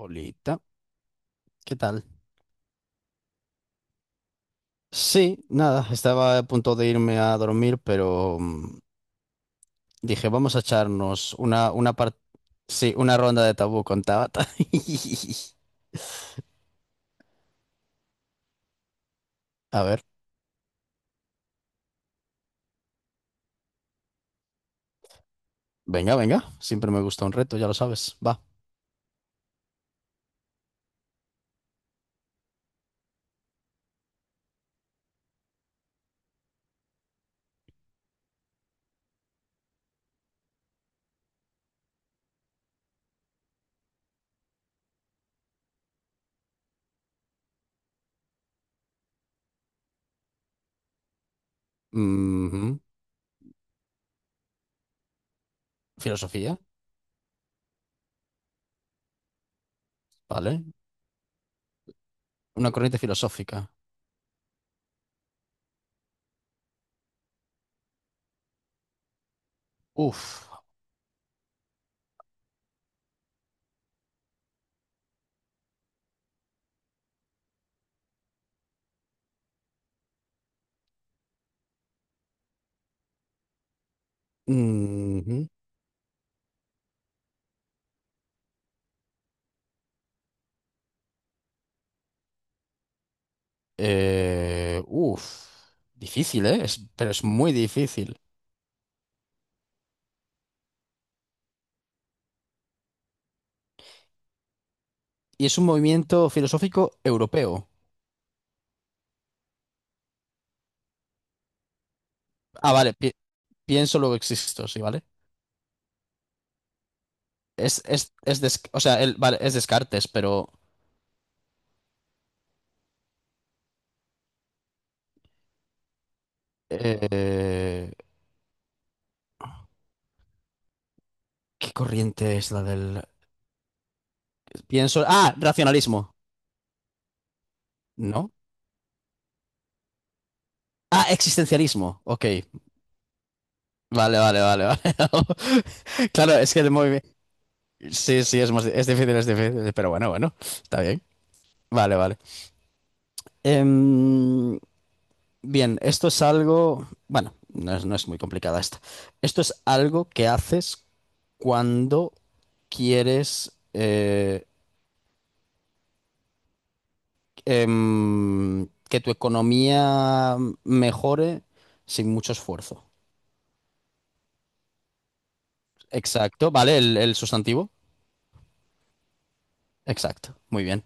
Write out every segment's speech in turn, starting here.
Olita, ¿qué tal? Sí, nada, estaba a punto de irme a dormir, pero dije, vamos a echarnos sí, una ronda de tabú con Tabata. A ver, venga, venga, siempre me gusta un reto, ya lo sabes, va. Ujú. Filosofía, vale. Una corriente filosófica. Uf. Ujú. Uf. Difícil, ¿eh? Pero es muy difícil. Y es un movimiento filosófico europeo. Ah, vale, pienso, luego existo, sí, ¿vale? Es o sea, vale, es Descartes, pero eh, ¿qué corriente es la del...? Pienso... Ah, racionalismo, ¿no? Ah, existencialismo, ok. Vale, vale, vale, vale. Claro, es que el movimiento... Sí, sí, es más, es difícil, pero bueno, bueno, está bien. Vale, vale. Em, Bien, esto es algo, bueno, no es muy complicada esta. Esto es algo que haces cuando quieres que tu economía mejore sin mucho esfuerzo. Exacto, ¿vale? El sustantivo. Exacto, muy bien.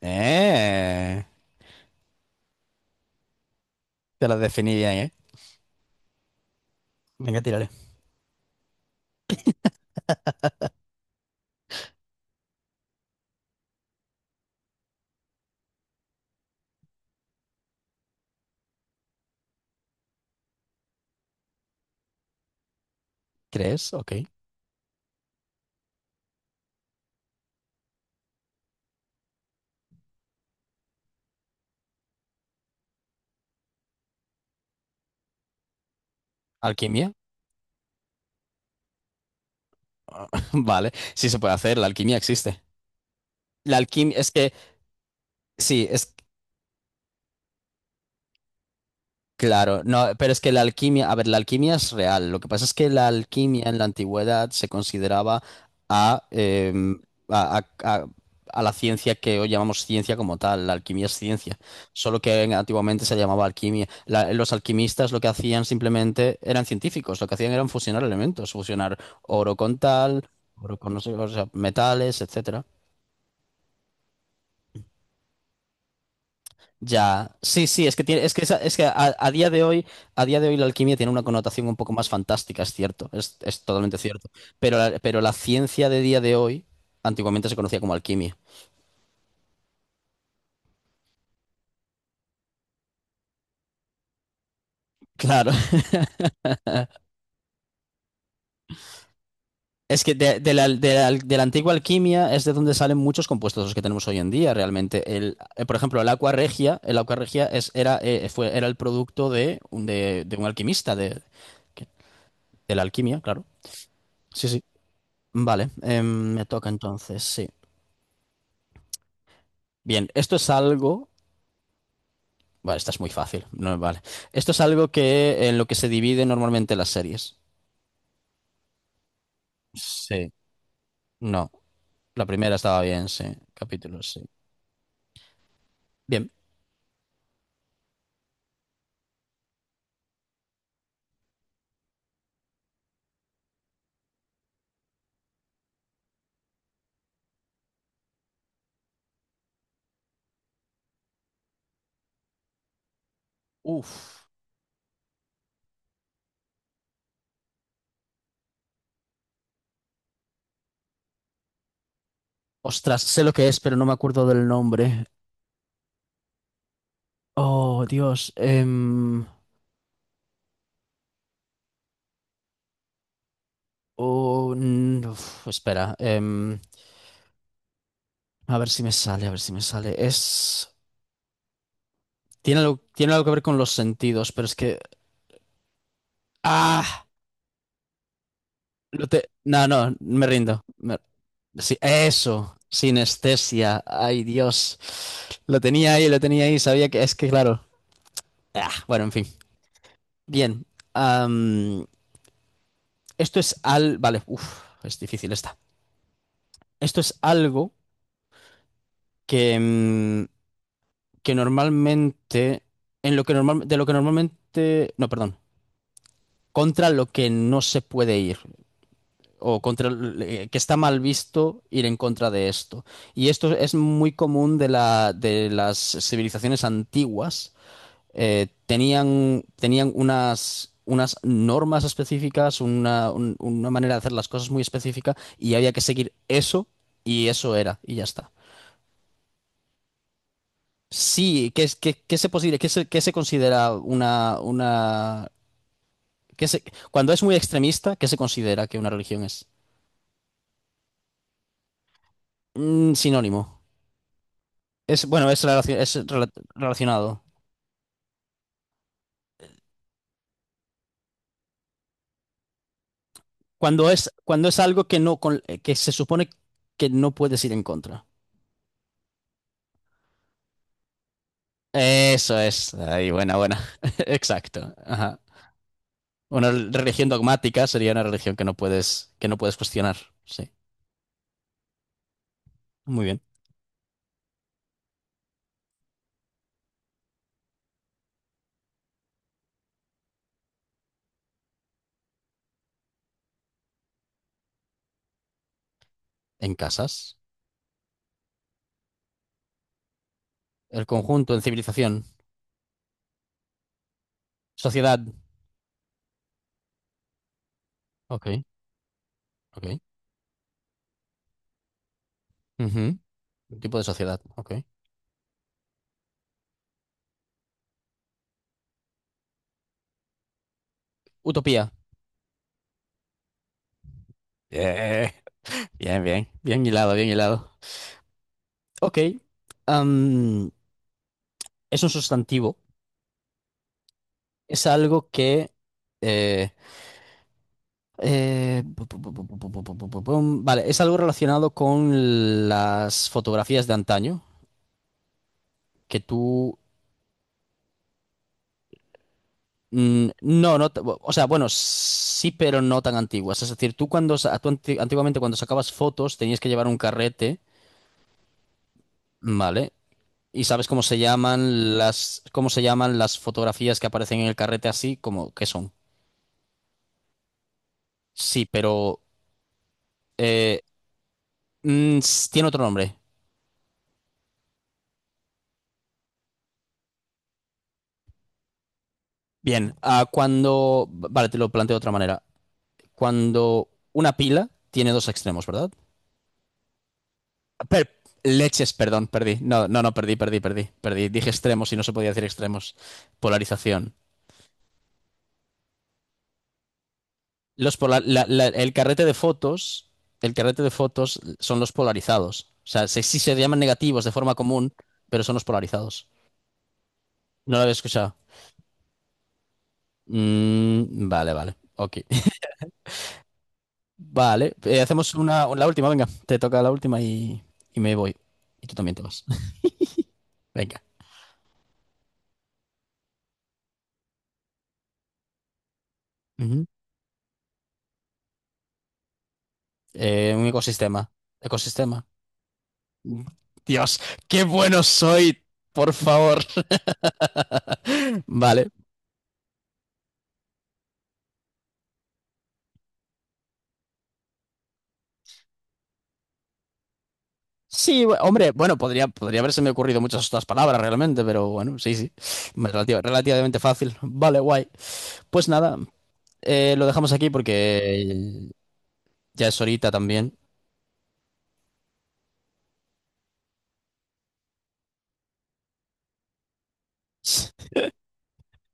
Eh, te la definí bien, ¿eh? Venga, tírale. ¿Crees? Ok. ¿Alquimia? Vale, sí se puede hacer, la alquimia existe. La alquimia, es que, sí, es. Claro, no, pero es que la alquimia, a ver, la alquimia es real. Lo que pasa es que la alquimia en la antigüedad se consideraba a, em, a, a- a- a la ciencia que hoy llamamos ciencia como tal. La alquimia es ciencia, solo que antiguamente se llamaba alquimia. Los alquimistas lo que hacían simplemente eran científicos, lo que hacían eran fusionar elementos, fusionar oro con tal, oro con no sé, o sea, metales, etcétera. Ya, sí, sí, es que tiene, es que es que a día de hoy, a día de hoy la alquimia tiene una connotación un poco más fantástica, es cierto, es totalmente cierto. Pero la ciencia de día de hoy, antiguamente se conocía como alquimia. Claro, es que de la antigua alquimia es de donde salen muchos compuestos los que tenemos hoy en día, realmente. Por ejemplo, el aqua regia era el producto de un alquimista, de la alquimia, claro. Sí, sí. Vale, me toca entonces, sí. Bien, esto es algo. Vale, esta es muy fácil. No, vale. Esto es algo que en lo que se divide normalmente las series. Sí. No, la primera estaba bien, sí. Capítulos, sí. Bien. Uf. Ostras, sé lo que es, pero no me acuerdo del nombre. Oh, Dios. Oh, mm, uf, espera. A ver si me sale, a ver si me sale. Es. Tiene algo que ver con los sentidos, pero es que. ¡Ah! No, no, me rindo. Sí, eso, sinestesia. Ay, Dios. Lo tenía ahí, lo tenía ahí. Sabía que es que, claro. Ah, bueno, en fin. Bien. am, Esto es al... Vale, uf, es difícil esta. Esto es algo que, que normalmente... En lo que normal, de lo que normalmente... No, perdón. Contra lo que no se puede ir. O contra que está mal visto ir en contra de esto. Y esto es muy común de de las civilizaciones antiguas. Tenían unas normas específicas, una manera de hacer las cosas muy específica y había que seguir eso y eso era y ya está. Sí, ¿qué, es- qué, qué se posible, qué se, ¿qué se considera una, qué se- cuando es muy extremista, qué se considera que una religión es? Mm, sinónimo. Es relacionado. Cuando es algo que no, que se supone que no puedes ir en contra. Eso es. Ahí, buena, buena. Exacto. Ajá. Una religión dogmática sería una religión que no puedes cuestionar. Sí. Muy bien. En casas. El conjunto, en civilización. Sociedad. Ok, ok. Ujú. Tipo de sociedad. Ok. Utopía. Eh, Bien, bien. Bien hilado, bien hilado. Ok. Am, es un sustantivo. Es algo que... eh, pu- pu- pu- pu- pu- pu- pu- pu- pu- pum. Vale, es algo relacionado con las fotografías de antaño, que tú... No, no, o sea, bueno, sí, pero no tan antiguas. Es decir, tú cuando, antiguamente cuando sacabas fotos tenías que llevar un carrete, ¿vale? Y sabes cómo se llaman las, cómo se llaman las fotografías que aparecen en el carrete así, como, ¿qué son? Sí, pero eh, tiene otro nombre. Bien, ah, cuando... Vale, te lo planteo de otra manera. Cuando una pila tiene dos extremos, ¿verdad? Perdón, perdí. No, no, no, perdí, perdí, perdí, perdí. Dije extremos y no se podía decir extremos. Polarización. Los pola- la- la- El carrete de fotos, el carrete de fotos son los polarizados. O sea, sí se llaman negativos de forma común, pero son los polarizados. No lo había escuchado. Mm, vale, vale. Ok. Vale, hacemos una, la última, venga, te toca la última y me voy. Y tú también te vas. Venga. Ujú. Un ecosistema. Ecosistema. Dios, qué bueno soy, por favor. Vale. Sí, hombre, bueno, podría haberse me ocurrido muchas otras palabras realmente, pero bueno, sí, sí. Relativamente fácil. Vale, guay. Pues nada, lo dejamos aquí porque ya es horita también.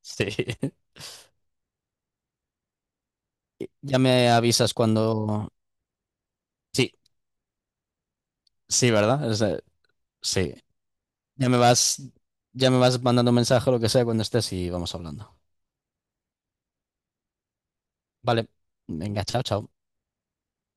Sí. Ya me avisas cuando... Sí, sí, ¿verdad? Sí. Ya me vas, ya me vas mandando un mensaje o lo que sea cuando estés y vamos hablando. Vale. Venga, chao, chao.